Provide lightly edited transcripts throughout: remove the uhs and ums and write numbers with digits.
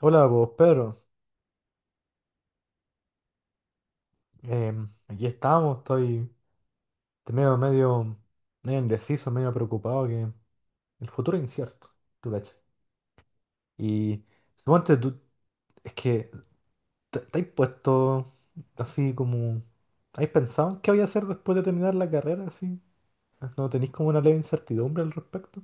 Hola, pues Pedro. Aquí estamos, estoy medio, medio, medio indeciso, medio preocupado que el futuro es incierto, tú cachai. Y suponte tú, es que te has puesto así como, ¿has pensado en qué voy a hacer después de terminar la carrera? Así, ¿no tenéis como una leve incertidumbre al respecto?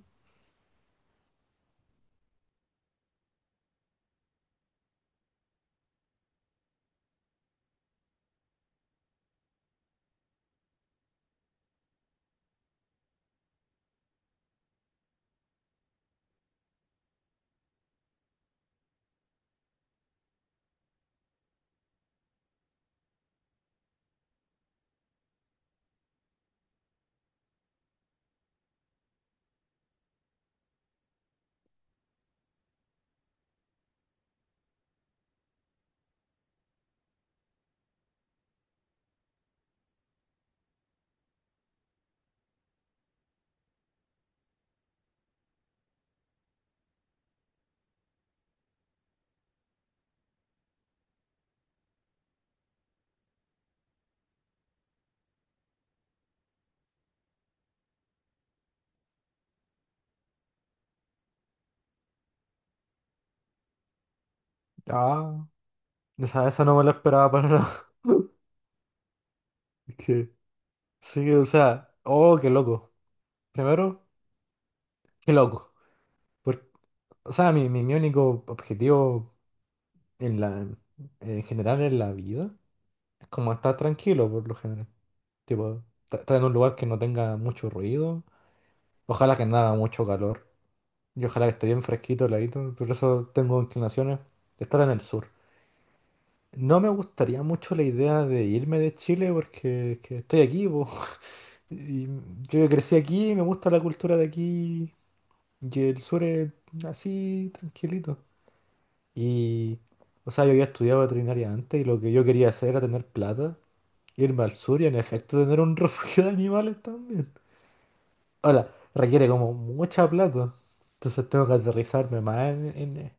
Ah, esa no me la esperaba para nada. Es que, sí, o sea, oh, qué loco. Primero, qué loco. Por- o sea, mi único objetivo En la, en general en la vida, es como estar tranquilo por lo general. Tipo, estar en un lugar que no tenga mucho ruido. Ojalá que no haga mucho calor. Y ojalá que esté bien fresquito, heladito. Por eso tengo inclinaciones de estar en el sur. No me gustaría mucho la idea de irme de Chile porque es que estoy aquí, po. Y yo crecí aquí, me gusta la cultura de aquí. Y el sur es así, tranquilito. Y, o sea, yo había estudiado veterinaria antes y lo que yo quería hacer era tener plata. Irme al sur y en efecto tener un refugio de animales también. Ahora, requiere como mucha plata. Entonces tengo que aterrizarme más en...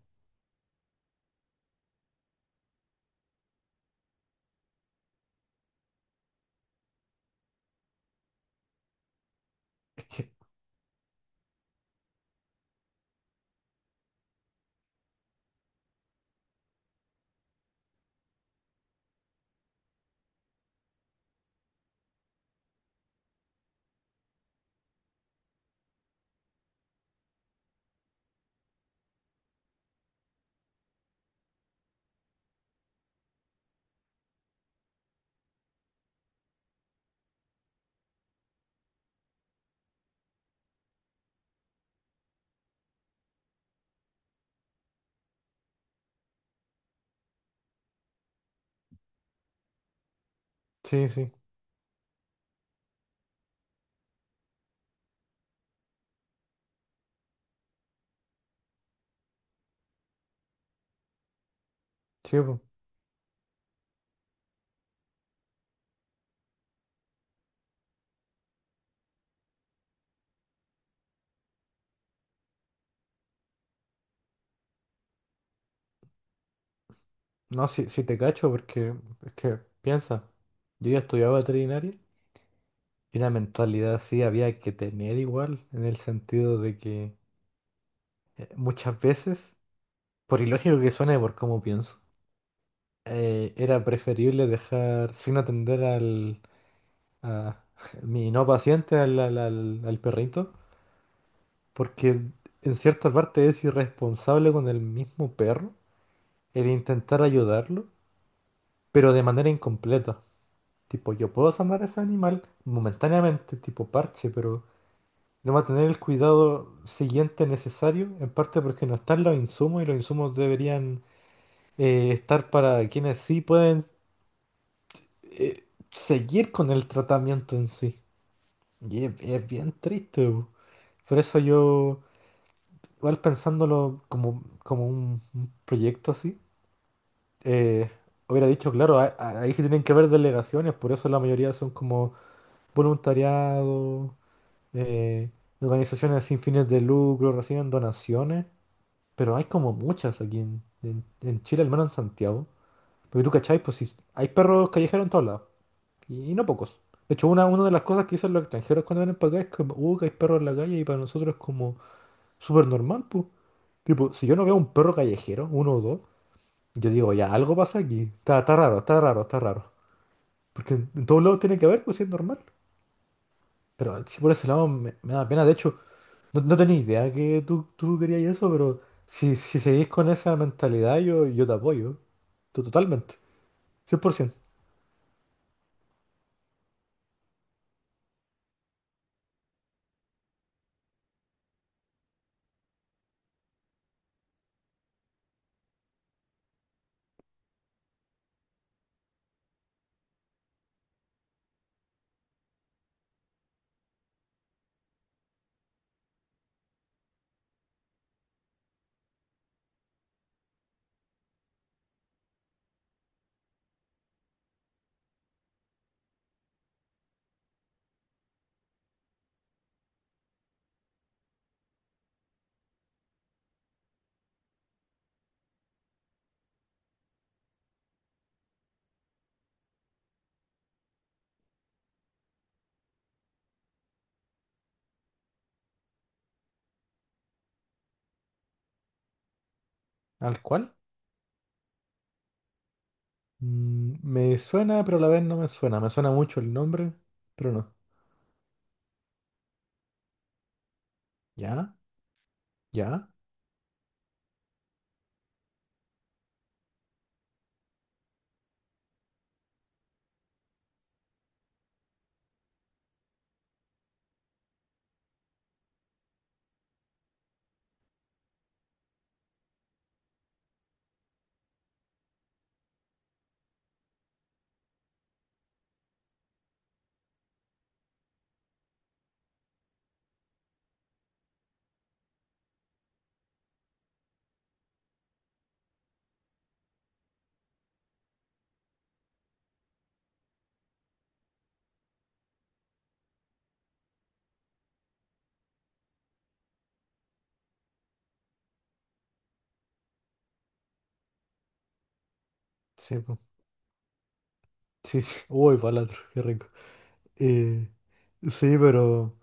Sí, sí, sí, po. No, si, si te cacho, porque es que piensa, yo ya estudiaba veterinaria y una mentalidad así había que tener igual, en el sentido de que muchas veces, por ilógico que suene, por cómo pienso, era preferible dejar sin atender al... a mi no paciente, al perrito. Porque es- en cierta parte es irresponsable con el mismo perro el intentar ayudarlo, pero de manera incompleta. Tipo, yo puedo sanar a ese animal momentáneamente, tipo parche, pero no va a tener el cuidado siguiente necesario, en parte porque no están los insumos y los insumos deberían estar para quienes sí pueden, eh, seguir con el tratamiento en sí. Y es bien triste, bu. Por eso yo, igual pensándolo como, como un proyecto así. eh, hubiera dicho, claro, ahí sí tienen que haber delegaciones, por eso la mayoría son como voluntariado, eh, organizaciones sin fines de lucro, reciben donaciones, pero hay como muchas aquí en, en Chile, al menos en Santiago. Porque tú cachai, pues sí, hay perros callejeros en todos lados, y no pocos. De hecho, una de las cosas que dicen los extranjeros cuando vienen para acá es como, que hay perros en la calle, y para nosotros es como súper normal, pues. Tipo, si yo no veo un perro callejero, uno o dos, yo digo, ya, algo pasa aquí. Está, está raro, está raro, está raro. Porque en todos lados tiene que haber, pues si es normal. Pero sí, por ese lado me, me da pena. De hecho, no, no tenía idea que tú querías eso, pero si, si seguís con esa mentalidad, yo te apoyo. Tú Totalmente. 100%. ¿Al cual? Mm, me suena, pero a la vez no me suena. Me suena mucho el nombre, pero no. ¿Ya? ¿Ya? Sí, po. Sí, sí. Uy, Balatro, qué rico. Eh, sí, pero...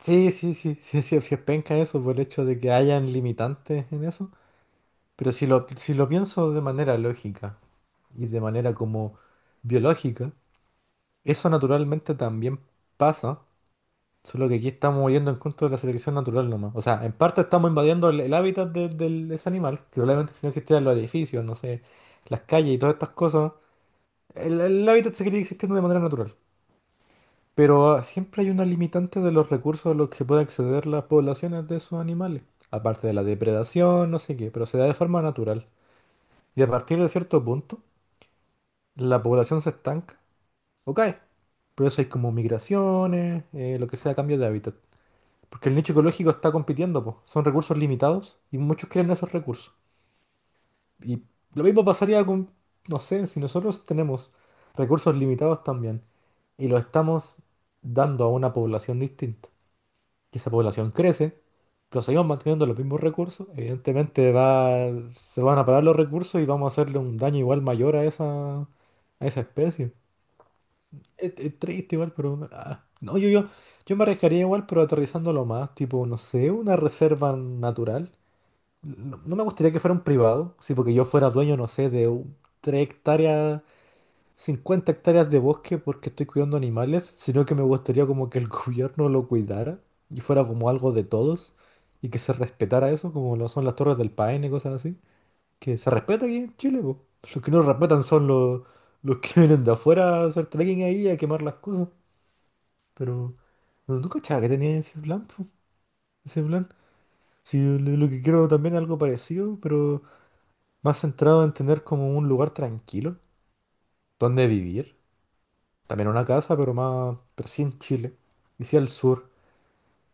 Sí, sí, sí, sí, sí, sí es penca eso por el hecho de que hayan limitantes en eso. Pero si lo pienso de manera lógica y de manera como biológica, eso naturalmente también pasa, solo que aquí estamos yendo en contra de la selección natural nomás. O sea, en parte estamos invadiendo el hábitat de, de ese animal, que probablemente si no existieran los edificios, no sé, las calles y todas estas cosas, el hábitat seguiría existiendo de manera natural. Pero ah, siempre hay una limitante de los recursos a los que pueden acceder las poblaciones de esos animales. Aparte de la depredación, no sé qué, pero se da de forma natural. Y a partir de cierto punto, la población se estanca o cae. Por eso hay como migraciones, lo que sea, cambio de hábitat. Porque el nicho ecológico está compitiendo, po. Son recursos limitados y muchos quieren esos recursos. Y lo mismo pasaría con, no sé, si nosotros tenemos recursos limitados también y los estamos dando a una población distinta, que esa población crece, pero seguimos manteniendo los mismos recursos, evidentemente va, se van a parar los recursos y vamos a hacerle un daño igual mayor a esa especie. Es triste igual, pero... ah, no, yo me arriesgaría igual, pero aterrizándolo más, tipo, no sé, una reserva natural. No, no me gustaría que fuera un privado, sí, porque yo fuera dueño, no sé, 3 hectáreas 50 hectáreas de bosque porque estoy cuidando animales, sino que me gustaría como que el gobierno lo cuidara y fuera como algo de todos y que se respetara eso, como lo son las Torres del Paine y cosas así. Que se respeta aquí en Chile, po. Los que no lo respetan son los que vienen de afuera a hacer trekking ahí y a quemar las cosas. Pero no, no cachaba que tenía ese plan, po. Ese plan. Sí, yo lo que quiero también es algo parecido, pero más centrado en tener como un lugar tranquilo donde vivir. También una casa, pero más, pero sí en Chile. Y sí al sur,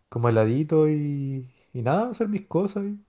como heladito y nada, hacer mis cosas.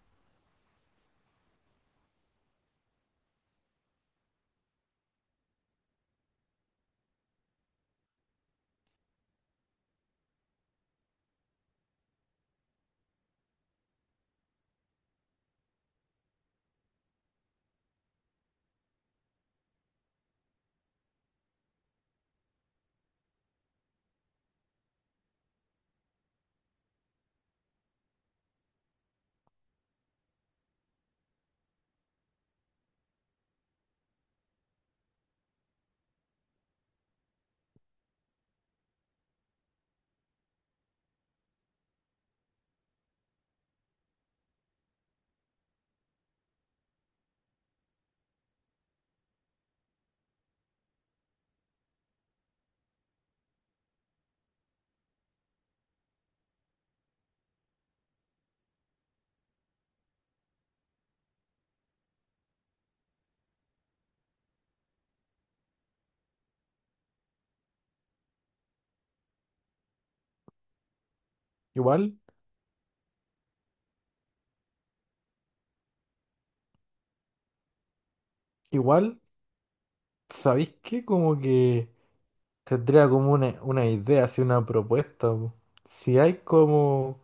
Igual, igual, ¿sabéis qué? Como que tendría como una idea, así una propuesta, po. Si hay como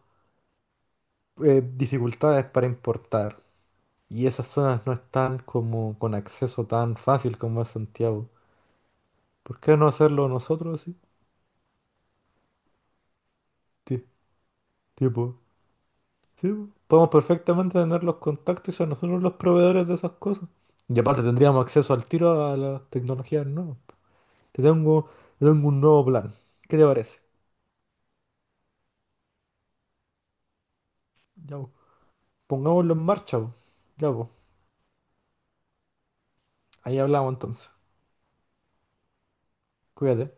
dificultades para importar y esas zonas no están como con acceso tan fácil como es Santiago, ¿por qué no hacerlo nosotros así? Ti- Tipo, sí, po, podemos perfectamente tener los contactos y ser nosotros los proveedores de esas cosas. Y aparte tendríamos acceso al tiro a las tecnologías nuevas. Te tengo, te tengo un nuevo plan. ¿Qué te parece? Ya, po. Pongámoslo en marcha, po. Ya, po. Ahí hablamos entonces. Cuídate.